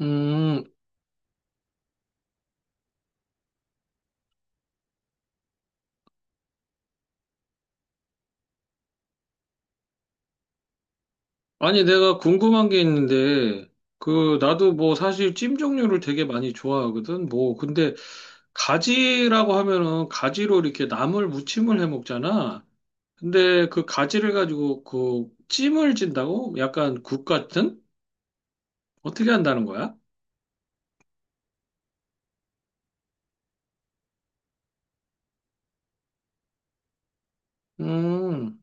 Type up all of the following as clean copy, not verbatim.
음, 아니, 내가 궁금한 게 있는데, 그, 나도 뭐 사실 찜 종류를 되게 많이 좋아하거든. 뭐, 근데 가지라고 하면은 가지로 이렇게 나물 무침을 해 먹잖아. 근데 그 가지를 가지고 그 찜을 진다고? 약간 국 같은? 어떻게 한다는 거야? 음,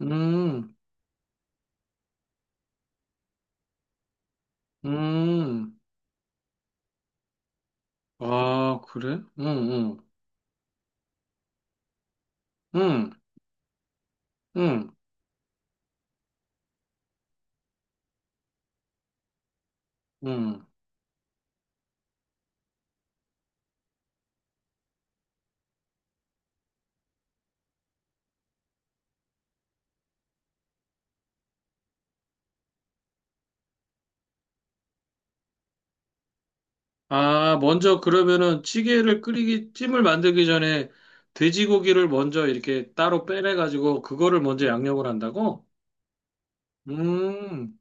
음, 음. 아, 그래? 응, 응, 응, 응, 음 아, 먼저 그러면은 찌개를 끓이기, 찜을 만들기 전에 돼지고기를 먼저 이렇게 따로 빼내가지고 그거를 먼저 양념을 한다고? 음,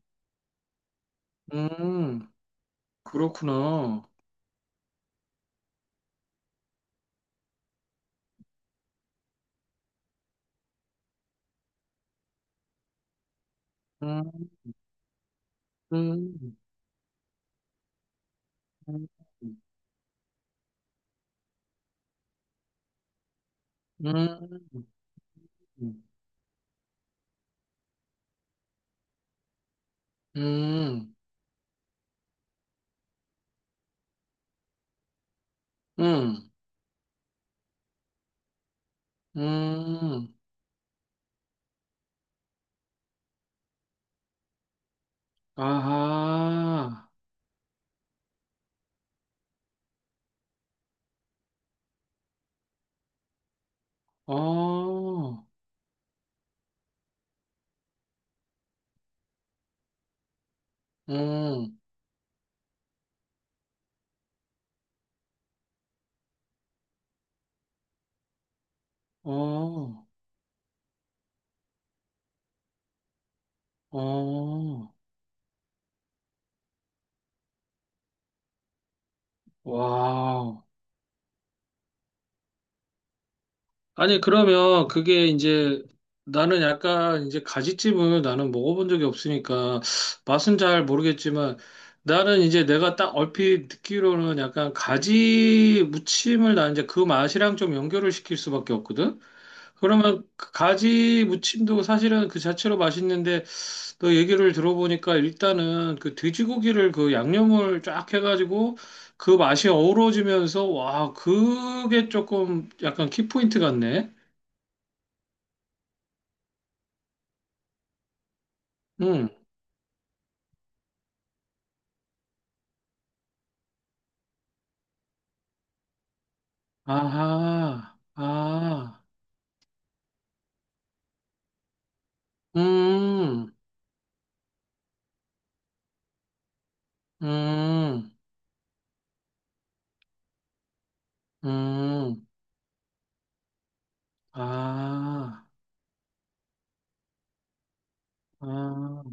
음, 그렇구나. 음, 음, 음, 음, 음, 음, 음, 아하, 어, 음, 어, 어, 와우. 아니, 그러면 그게 이제 나는 약간 이제 가지찜을 나는 먹어본 적이 없으니까 맛은 잘 모르겠지만 나는 이제 내가 딱 얼핏 듣기로는 약간 가지 무침을 나 이제 그 맛이랑 좀 연결을 시킬 수밖에 없거든? 그러면 그 가지 무침도 사실은 그 자체로 맛있는데 너 얘기를 들어보니까 일단은 그 돼지고기를 그 양념을 쫙 해가지고 그 맛이 어우러지면서 와, 그게 조금 약간 키포인트 같네. 음, 아하, 아, 음, 음, 음, 아, 아,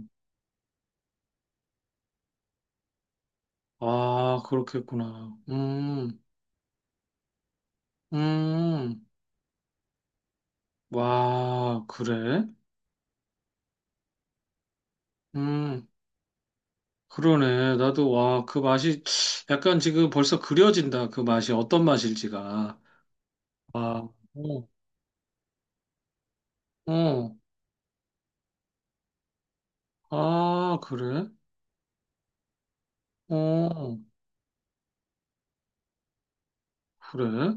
아, 그렇겠구나. 음, 와, 그래? 음, 그러네. 나도, 와, 그 맛이, 약간 지금 벌써 그려진다. 그 맛이 어떤 맛일지가. 아, 어, 어, 아, 그래? 어, 그래?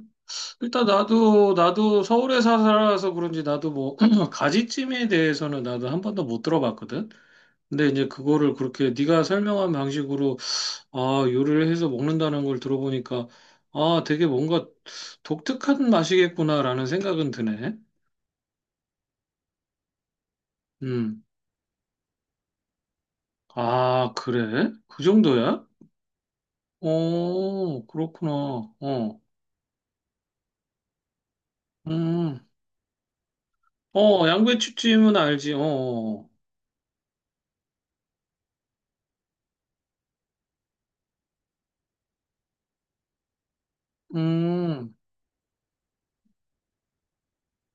일단 나도 서울에 살아서 그런지 나도 뭐 가지찜에 대해서는 나도 한 번도 못 들어봤거든. 근데 이제 그거를 그렇게 네가 설명한 방식으로 아 요리를 해서 먹는다는 걸 들어보니까 아 되게 뭔가 독특한 맛이겠구나라는 생각은 드네. 음. 아 그래? 그 정도야? 어 그렇구나. 어. 음. 어 양배추찜은 알지. 어. 어. 어. 음.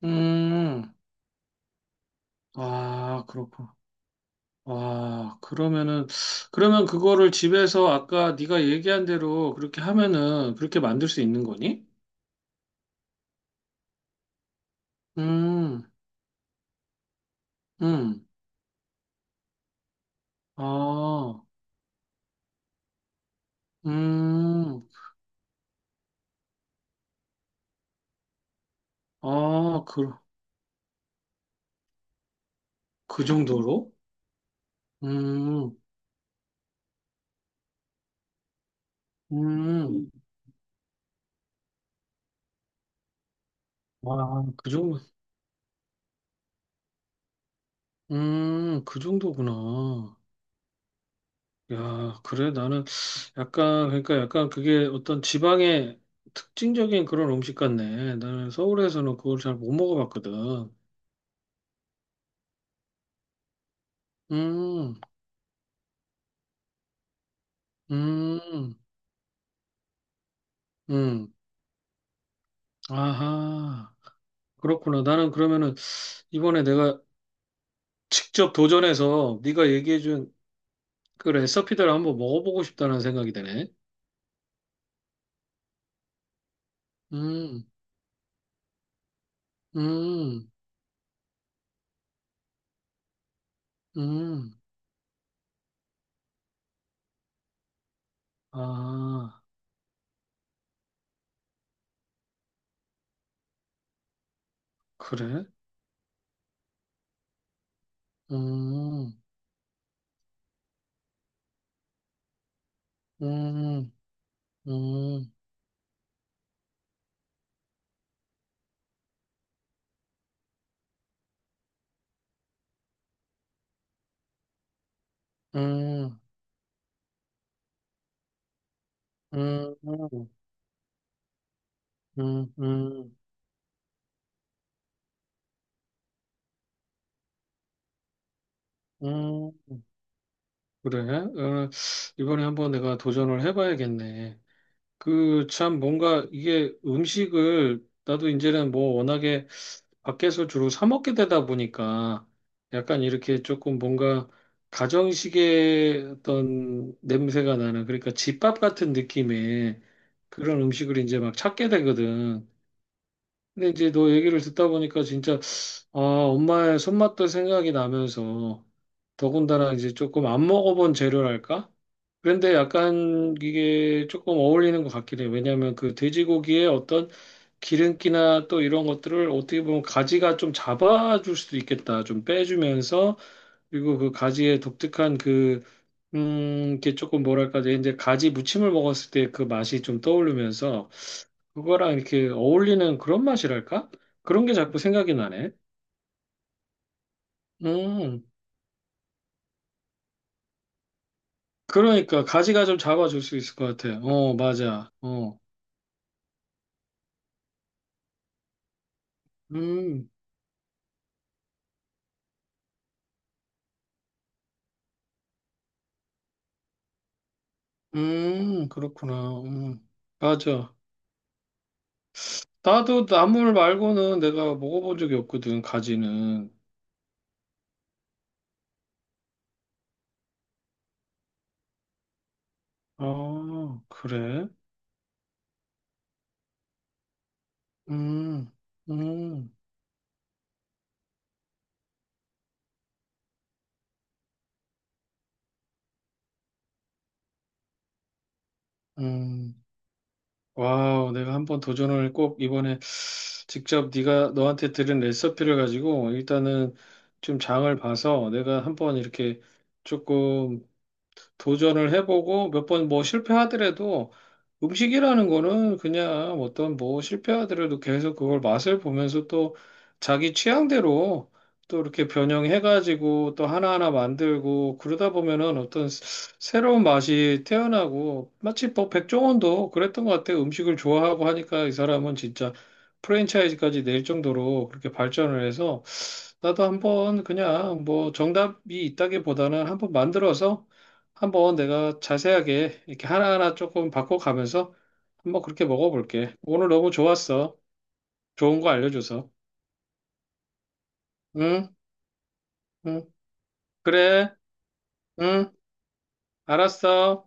음. 아, 그렇구나. 아, 그러면은, 그러면 그거를 집에서 아까 네가 얘기한 대로 그렇게 하면은 그렇게 만들 수 있는 거니? 음, 음, 아, 음, 아, 그, 그 정도로? 음, 음, 와, 그 정도, 그 정도구나. 야, 그래, 나는 약간, 그러니까 약간 그게 어떤 지방의 특징적인 그런 음식 같네. 나는 서울에서는 그걸 잘 못 먹어봤거든. 음. 음, 음, 아하, 그렇구나. 나는 그러면은 이번에 내가 직접 도전해서 네가 얘기해준 그 레시피대로 한번 먹어보고 싶다는 생각이 드네. 음, 음, 음, 아, 그래? 음, 음, 음, 음, 음, 음, 음, 음, 그래? 어, 이번에 한번 내가 도전을 해봐야겠네. 그 참 뭔가 이게 음식을 나도 이제는 뭐 워낙에 밖에서 주로 사 먹게 되다 보니까 약간 이렇게 조금 뭔가 가정식의 어떤 냄새가 나는 그러니까 집밥 같은 느낌의 그런 음식을 이제 막 찾게 되거든. 근데 이제 너 얘기를 듣다 보니까 진짜 아, 엄마의 손맛도 생각이 나면서 더군다나 이제 조금 안 먹어본 재료랄까? 그런데 약간 이게 조금 어울리는 것 같긴 해. 왜냐하면 그 돼지고기의 어떤 기름기나 또 이런 것들을 어떻게 보면 가지가 좀 잡아줄 수도 있겠다. 좀 빼주면서 그리고 그 가지의 독특한 그, 이게 조금 뭐랄까, 이제 가지 무침을 먹었을 때 그 맛이 좀 떠오르면서 그거랑 이렇게 어울리는 그런 맛이랄까? 그런 게 자꾸 생각이 나네. 음, 그러니까 가지가 좀 작아질 수 있을 것 같아. 어, 맞아. 어, 음, 그렇구나. 맞아. 나도 나물 말고는 내가 먹어본 적이 없거든, 가지는. 아, 그래? 음, 음, 음. 와우, 내가 한번 도전을 꼭 이번에 직접 네가 너한테 들은 레시피를 가지고 일단은 좀 장을 봐서 내가 한번 이렇게 조금 도전을 해보고 몇 번 뭐 실패하더라도 음식이라는 거는 그냥 어떤 뭐 실패하더라도 계속 그걸 맛을 보면서 또 자기 취향대로 또 이렇게 변형해가지고 또 하나하나 만들고 그러다 보면은 어떤 새로운 맛이 태어나고 마치 뭐 백종원도 그랬던 것 같아요. 음식을 좋아하고 하니까 이 사람은 진짜 프랜차이즈까지 낼 정도로 그렇게 발전을 해서 나도 한번 그냥 뭐 정답이 있다기보다는 한번 만들어서 한번 내가 자세하게 이렇게 하나하나 조금 바꿔가면서 한번 그렇게 먹어볼게. 오늘 너무 좋았어. 좋은 거 알려줘서. 응, 응, 그래, 응, 알았어.